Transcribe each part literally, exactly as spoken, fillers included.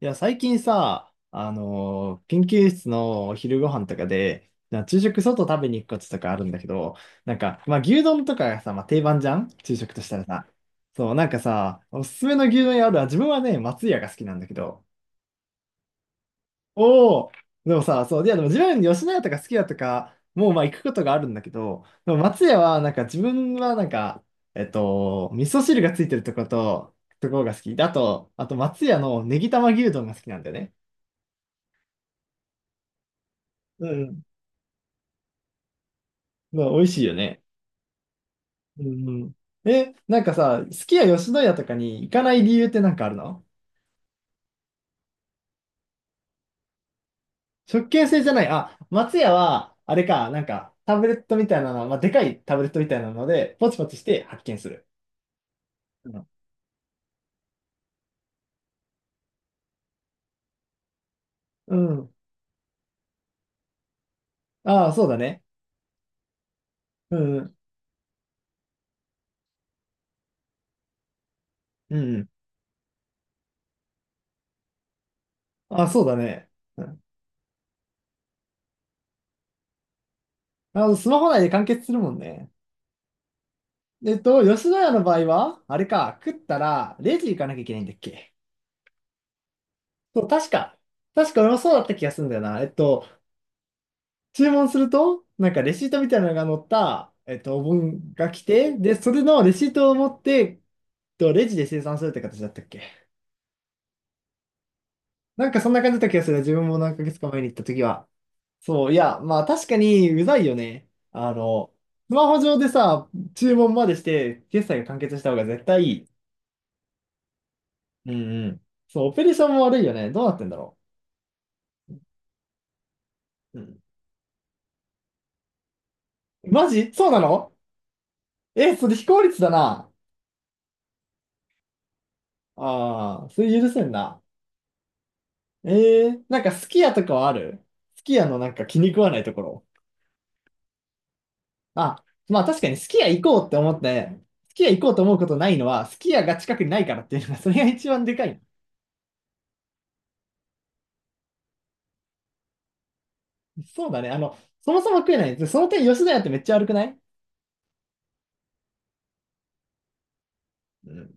いや、最近さ、あのー研究室のお昼ご飯とかで、な昼食外食べに行くこととかあるんだけど、なんか、まあ、牛丼とかがさ、まあ、定番じゃん昼食としたらさ。そう、なんかさ、おすすめの牛丼屋あるわ。自分はね、松屋が好きなんだけど。おお、でもさ、そう、いや、でも自分吉野家とか好きだとか、もうまあ行くことがあるんだけど、でも松屋はなんか自分はなんか、えっと、味噌汁がついてるとこと、ところが好き。だと、あと松屋のネギ玉牛丼が好きなんだよね。うん、まあ、美味しいよね。うんうん。え、なんかさ、すき家吉野家とかに行かない理由ってなんかあるの？食券制じゃない。あ、松屋は、あれか、なんか、タブレットみたいなの、まあ、でかいタブレットみたいなので、ポチポチして発見する。うん。うん。ああ、そうだね。うんうん。うんうん。ああ、そうだね。うん。あの、スマホ内で完結するもんね。えっと、吉野家の場合は、あれか、食ったら、レジ行かなきゃいけないんだっけ？そう、確か。確か俺もそうだった気がするんだよな。えっと、注文すると、なんかレシートみたいなのが載った、えっと、お盆が来て、で、それのレシートを持って、えっと、レジで生産するって形だったっけ？なんかそんな感じだった気がする。自分も何ヶ月か前に行った時は。そう、いや、まあ確かにうざいよね。あの、スマホ上でさ、注文までして、決済が完結した方が絶対いい。うんうん。そう、オペレーションも悪いよね。どうなってんだろう。うん。マジそうなの？え、それ非効率だな。ああ、それ許せんな。ええ、なんかすき家とかはある？すき家のなんか気に食わないところ。あ、まあ確かにすき家行こうって思って、すき家行こうと思うことないのは、すき家が近くにないからっていうのが、それが一番でかい。そうだね。あの、そもそも食えない。でその点、吉野家ってめっちゃ悪くない？うん。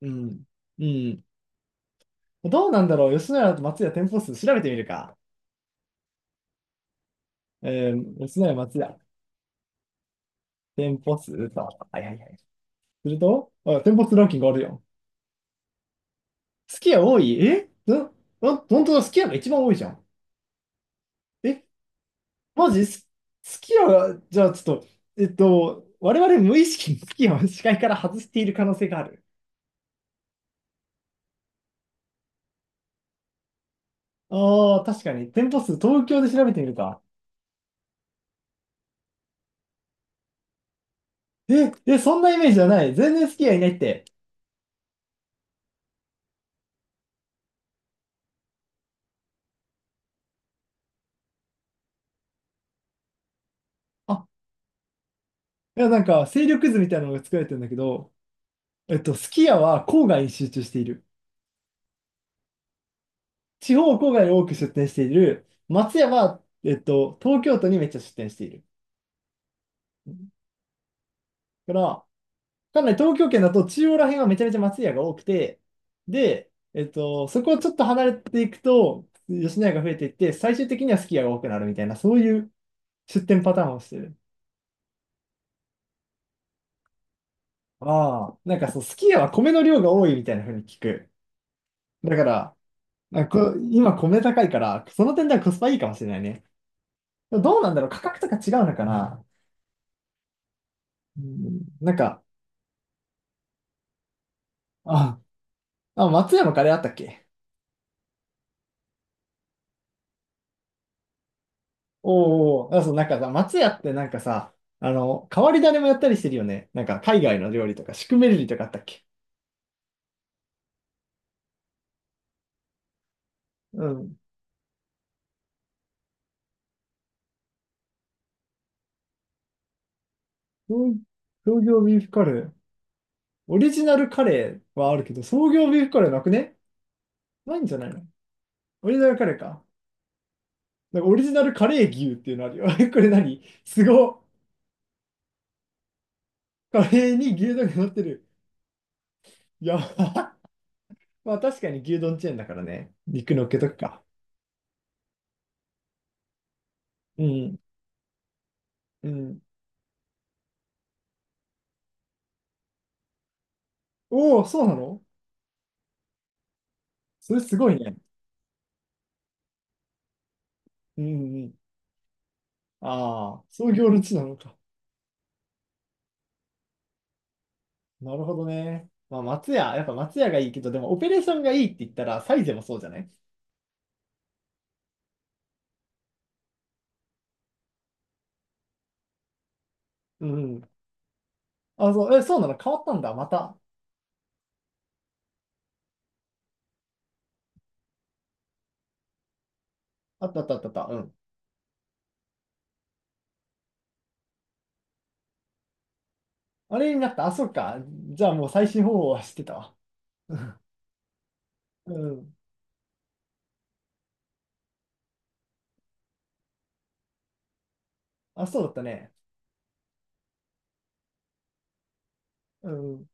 うん。うん。どうなんだろう。吉野家と松屋店舗数調べてみるか。えー、吉野家松屋店舗数と。はいはいはい。すると、あ、店舗数ランキングあるよ。すき家多い、えんん本当だ、すき家が一番多いじゃん。え、マジす、好きは、じゃあちょっと、えっと、我々無意識に好きを視界から外している可能性がある。ああ、確かに。店舗数、東京で調べてみるか。え、え、そんなイメージじゃない。全然好き家いないって。あ、いや、なんか、勢力図みたいなのが作られてるんだけど、えっと、すき家は郊外に集中している。地方郊外に多く出店している。松屋は、えっと、東京都にめっちゃ出店している。だから、かんない東京圏だと中央ら辺はめちゃめちゃ松屋が多くて、で、えっと、そこをちょっと離れていくと、吉野家が増えていって、最終的にはすき家が多くなるみたいな、そういう出店パターンをしてる。ああ、なんかそう、すき家は米の量が多いみたいな風に聞く。だから、あこ、今米高いから、その点ではコスパいいかもしれないね。でもどうなんだろう、価格とか違うのかな。うん、なんか、あ、あ、松山カレーあったっけ？おお、あ、そう、なんかさ、松屋ってなんかさ、あの、変わり種もやったりしてるよね。なんか海外の料理とか、シュクメルリとかあったっけ？うん。創創業ビーフカレー。オリジナルカレーはあるけど、創業ビーフカレーなくね？ないんじゃないの？オリジナルカレーか。なんかオリジナルカレー牛っていうのあるよ。これ何？すごっ。カレーに牛丼が乗ってる。いやば、まあ確かに牛丼チェーンだからね。肉乗っけとくか。うん。うん。おお、そうなの？それすごいね。うんうん。ああ、そういう行列なのか。なるほどね。まあ、松屋、やっぱ松屋がいいけど、でもオペレーションがいいって言ったら、サイゼもそうじゃない？うん。あ、そう、え、そうなの？変わったんだ。また。あったあったあったあった。うん。あれになった。あ、そっか。じゃあもう最新方法は知ってたわ。うん。うん、あ、そうだったね。うん。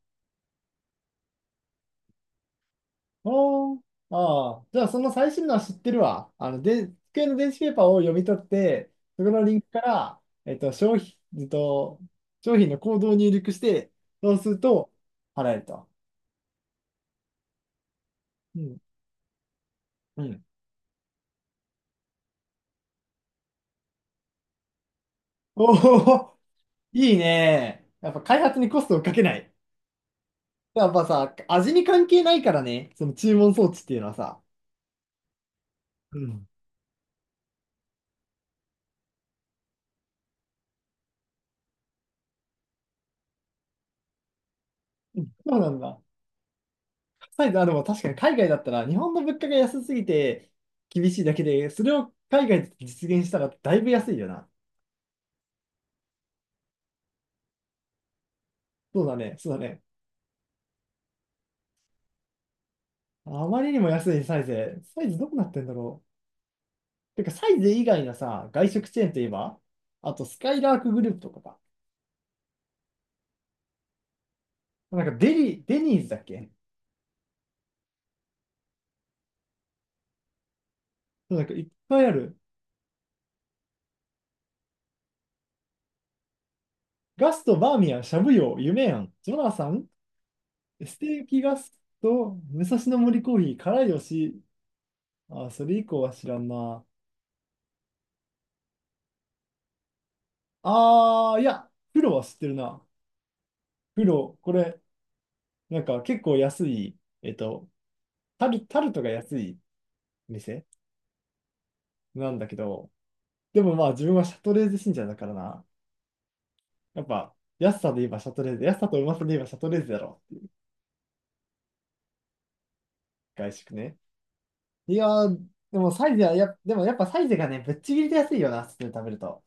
おー。ああ、じゃあその最新のは知ってるわ。あの、で、机の電子ペーパーを読み取って、そこのリンクから、えっと、商品、えっと、商品のコードを入力して、そうすると払えると。うん。うん。おお、いいね。やっぱ開発にコストをかけない。やっぱさ、味に関係ないからね、その注文装置っていうのはさ。うん。うん、そうなんだ。サイズ、あ、でも確かに海外だったら、日本の物価が安すぎて厳しいだけで、それを海外で実現したらだいぶ安いよな。そうだね、そうだね。あまりにも安いサイズ。サイズどうなってんだろう。てか、サイズ以外のさ、外食チェーンといえば、あとスカイラークグループとかか。なんかデリ、デニーズだっけ？そう、なんかいっぱいある。ガスト、バーミヤン、しゃぶよ、夢庵ジョナサン、ステーキガスト、武蔵野森コーヒー、辛いよし。あ、それ以降は知らんな。ああ、いや、プロは知ってるな。プロ、これ、なんか結構安い、えっと、タル、タルトが安い店なんだけど、でもまあ自分はシャトレーゼ信者だからな。やっぱ、安さで言えばシャトレーゼ、安さとうまさで言えばシャトレーゼだろ。外食ね。いやー、でもサイゼはや、でもやっぱサイゼがね、ぶっちぎりで安いよな、普通に食べると。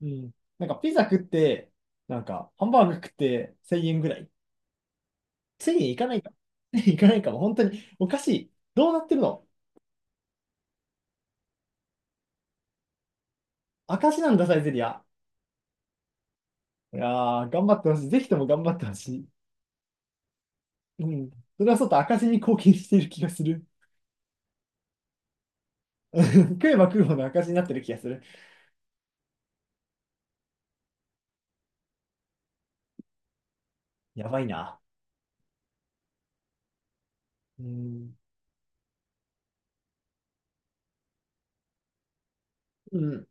うん。なんかピザ食って、なんかハンバーグ食ってせんえんぐらい。せんえんいかないか。いかないかも、本当におかしい。どうなってるの？明石なんだ、サイゼリア。いやー、頑張ってほしい。ぜひとも頑張ってほしい。うん。それはそうと赤字に貢献している気がする。食えば食うほど赤字になってる気がする。やばいな。うん。うん。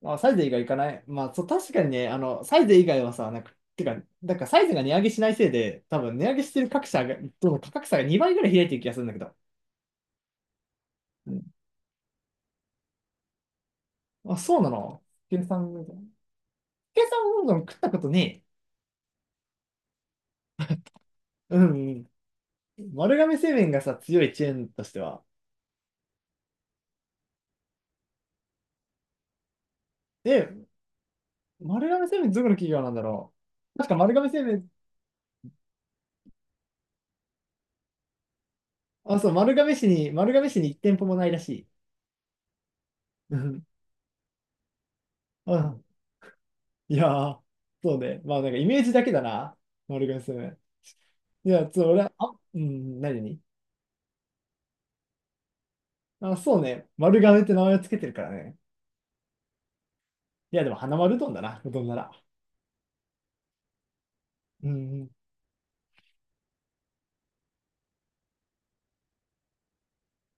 まあ、サイゼ以外行かない。まあ、そう、確かにね、あの、サイゼ以外はさ、なんか、てか、なんかサイゼが値上げしないせいで、多分値上げしてる各社が、どの価格差がにばいぐらい開いてる気がするんだけど。うん。あ、そうなの？計算、計算うどん食ったことねえ。うんうん。丸亀製麺がさ、強いチェーンとしては。で、丸亀製麺どこの企業なんだろう。確か丸亀製麺、あ、そう、丸亀市に、丸亀市にいっ店舗もないらしい。うんうん。いやー、そうね。まあなんかイメージだけだな。丸亀製麺。いや、そう、俺は、あ、うん、何に。あ、そうね。丸亀って名前をつけてるからね。いや、でも花丸うどんだな、うどんなら。うんうん。